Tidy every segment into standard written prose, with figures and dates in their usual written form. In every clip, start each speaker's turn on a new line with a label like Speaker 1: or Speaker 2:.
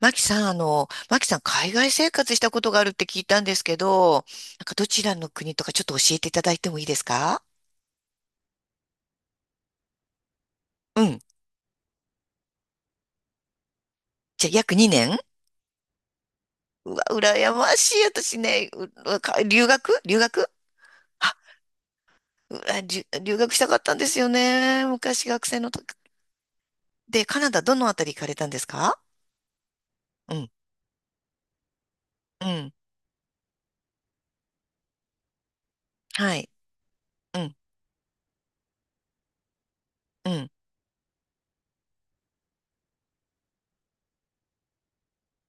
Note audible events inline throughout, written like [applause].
Speaker 1: マキさん、マキさん、海外生活したことがあるって聞いたんですけど、どちらの国とかちょっと教えていただいてもいいですか？うん。じゃあ、約2年。うわ、羨ましい。私ね、ううか留学留学。あ、うわりゅ留学したかったんですよね。昔学生の時。で、カナダどのあたり行かれたんですか？うん、うん、はい、うん、うん、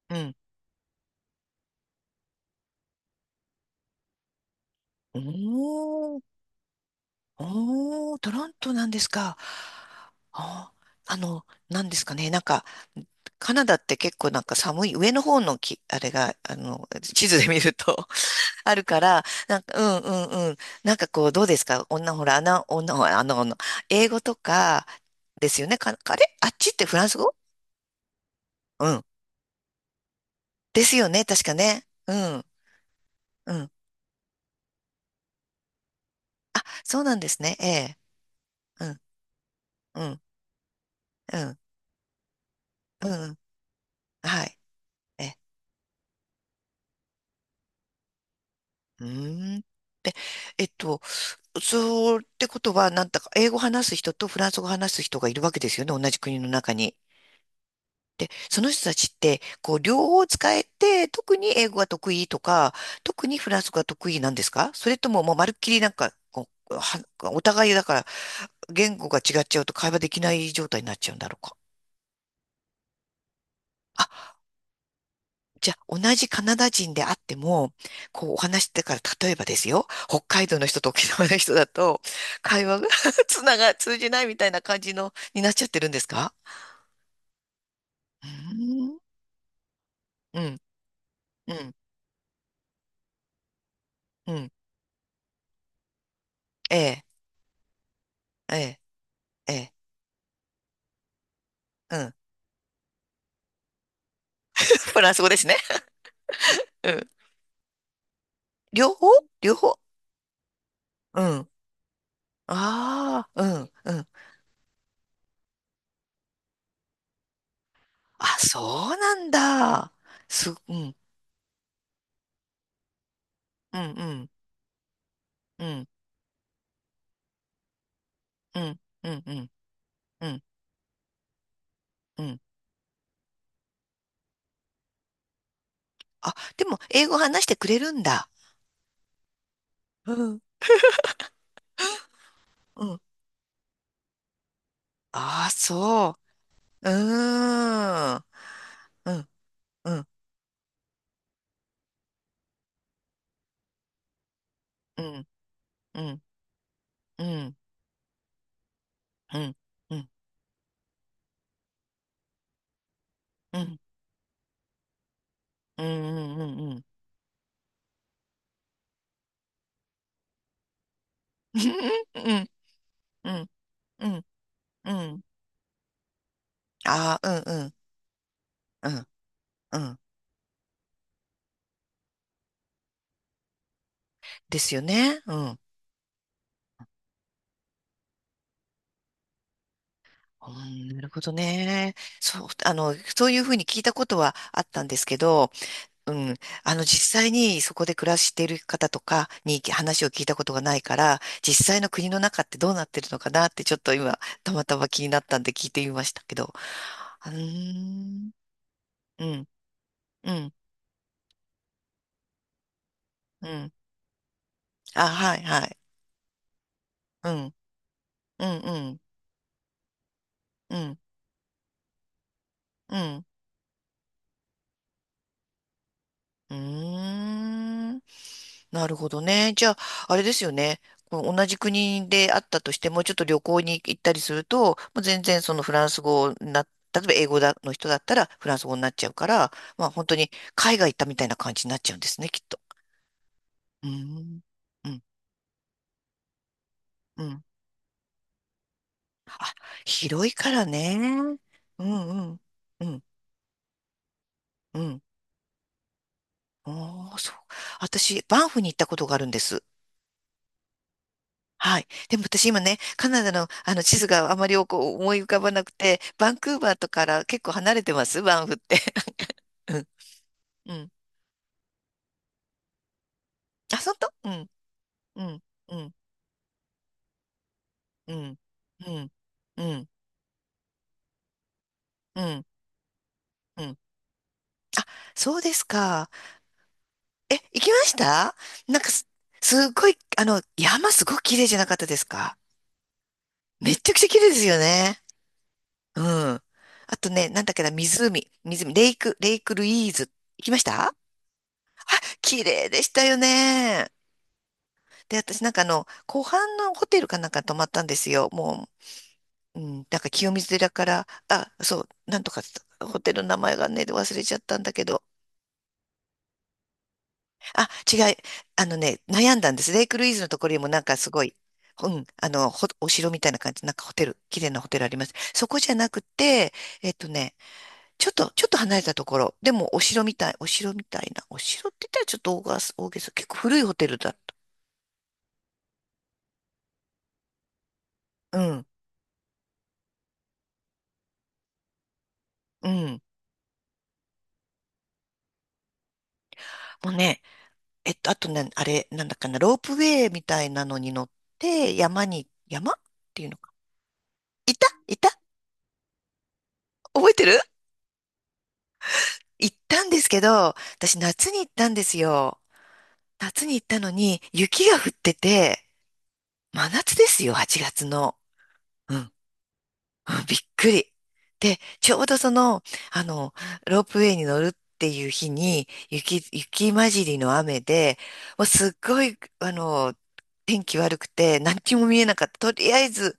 Speaker 1: うん。おー、おー、トロントなんですか。あー、あの、なんですかね、なんか、カナダって結構寒い、上の方のき、あれが、地図で見ると [laughs] あるから、なんか、うんうんうん。なんかこう、どうですか、女、ほら、穴、女、あの、あの、英語とか、ですよね。か、あれあっちってフランス語。うん。ですよね、確かね。うん、うん。そうなんですね。ええ。うん、うん、うん、うん。はい。え、うーん。えっと、そうってことは、なんだか、英語話す人とフランス語話す人がいるわけですよね。同じ国の中に。その人たちって、こう、両方使えて、特に英語が得意とか、特にフランス語が得意なんですか？それとも、もうまるっきりなんか、こう、お互いだから、言語が違っちゃうと会話できない状態になっちゃうんだろうか。あ、じゃあ、同じカナダ人であっても、こう、お話してから、例えばですよ、北海道の人と沖縄の人だと、会話が [laughs] つなが、通じないみたいな感じの、になっちゃってるんですか？うーん、うん、うん、うん、ええ、ええ、ええ、うん。[laughs] フランス語ですね。うん。両方、両方。うん。ああ、うん、うん。あ、そうなんだ。す、うん、うん、うん、うん、うん、うん、うん、うん。うん、あ、でも、英語話してくれるんだ。うん、うん。ああ、そう。うーん。うん、うん、うん、うん、うん、うん、うん、うん、うん、うん、うん、うん、うん、うん、うん、うん。ああ、うん、うん、うん、うん。ですよね。うん。うん、なるほどね。そう、そういうふうに聞いたことはあったんですけど、うん、あの、実際にそこで暮らしている方とかに話を聞いたことがないから、実際の国の中ってどうなってるのかなって、ちょっと今、たまたま気になったんで聞いてみましたけど。うーん、うん、うん、うん。あ、はい、はい。うん、うん、うん、うん、うん。うーん。なるほどね。じゃあ、あれですよね。こう同じ国であったとしても、ちょっと旅行に行ったりすると、もう全然そのフランス語な、例えば英語だの人だったらフランス語になっちゃうから、まあ本当に海外行ったみたいな感じになっちゃうんですね、きっと。うーん。うん。うん。広いからね。うんうん。うん。うん。ああ、そう。私、バンフに行ったことがあるんです。はい。でも私今ね、カナダのあの地図があまりこう思い浮かばなくて、バンクーバーとかから結構離れてますバンフって。[laughs] うん。うん。あ、本当？うん。うん。うん。うん。うん。うん。うん。うん。そうですか。え、行きました？なんかす、すっごい、あの、山すごく綺麗じゃなかったですか？めっちゃくちゃ綺麗ですよね。うん。あとね、なんだっけな、湖。湖。レイクルイーズ。行きました？綺麗でしたよね。で、私なんかあの、湖畔のホテルかなんか泊まったんですよ。もう、うん、なんか清水寺から、あ、そう、なんとか、ホテルの名前がね、忘れちゃったんだけど。あ、違い、あのね、悩んだんです。レイクルイーズのところにもなんかすごい、うん、あの、ほお城みたいな感じ、なんかホテル、綺麗なホテルあります。そこじゃなくて、えっとね、ちょっと、ちょっと離れたところ、でもお城みたい、お城みたいな、お城って言ったらちょっと大げさ、大げさ、結構古いホテルだった。うん、うん。もうね、えっと、あとね、あれ、なんだっけな、ロープウェイみたいなのに乗って、山に、山っていうのか。いたいた、覚えてる？行ったんですけど、私夏に行ったんですよ。夏に行ったのに、雪が降ってて、真夏ですよ、8月の。うん。うん、びっくり。で、ちょうどその、あの、ロープウェイに乗るっていう日に、雪、雪混じりの雨で、もうすっごい、あの、天気悪くて、何にも見えなかった。とりあえず、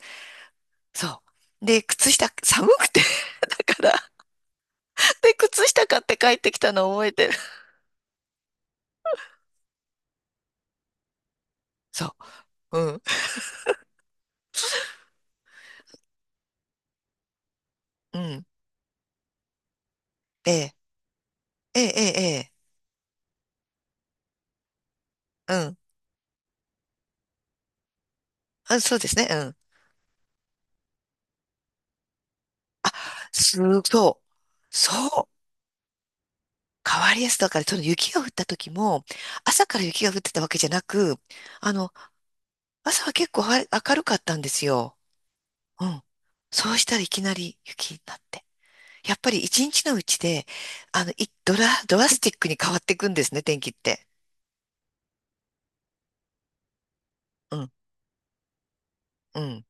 Speaker 1: そう。で、靴下、寒くて [laughs] だから、で、靴下買って帰ってきたのを覚えてる。そう。うん。うん。ええ、ええ、ええ、ええ、うん。あ、そうですね。うん。す、そう。そう。変わりやすさだから、その雪が降った時も、朝から雪が降ってたわけじゃなく、あの、朝は結構は明るかったんですよ。うん。そうしたらいきなり雪になって。やっぱり一日のうちで、あの、い、ドラ、ドラスティックに変わっていくんですね、天気って。うん、うん。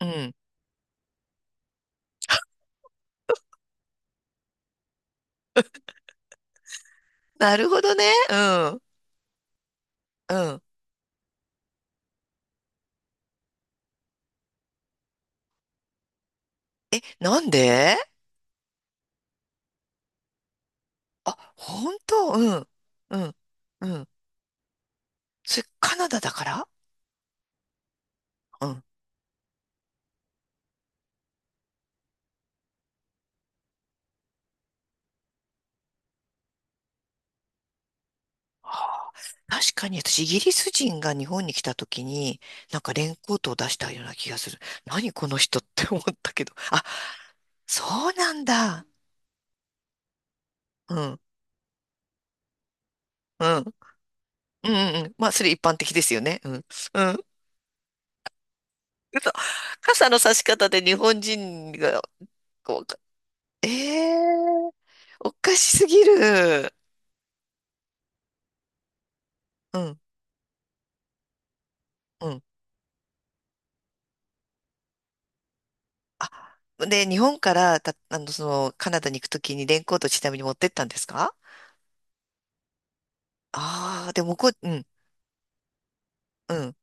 Speaker 1: うん。なるほどね。うん。うん。え、なんで？あ、本当？うん。うん。うん。それカナダだから？うん。確かに私、イギリス人が日本に来た時に、なんかレインコートを出したような気がする。何この人って思ったけど。あ、そうなんだ。うん。うん。うんうんうん。まあ、それ一般的ですよね。うん。うん。嘘。傘の差し方で日本人が、こう、ええー、おかしすぎる。うん。うん。あ、で、日本からた、あの、その、カナダに行くときにレインコートちなみに持ってったんですか？ああー、でもこう、うん、うん、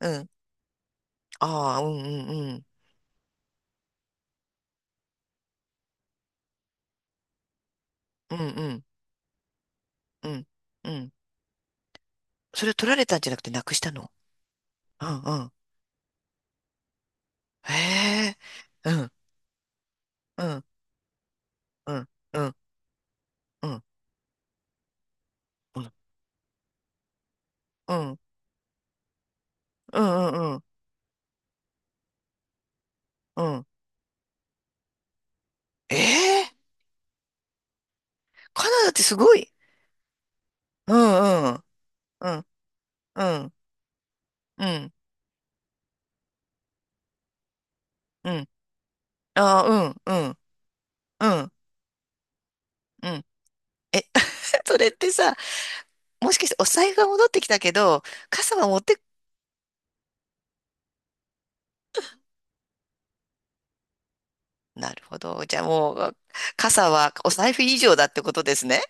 Speaker 1: うん。ああ、うん、うん、うん、うん、うん、うん、うん。それを取られたんじゃなくてなくしたの。うん、うん。へえ、うん、うん、うん、うん、うん、うん、うん、うん、うん、うん。うん、ええ、カナダってすごい。うん、うん、うん、うん、うん、うん。ああ、うん、うん、うん、うん。え、[laughs] それってさ、もしかしてお財布が戻ってきたけど、傘は持って、なるほど。じゃあもう、傘はお財布以上だってことですね。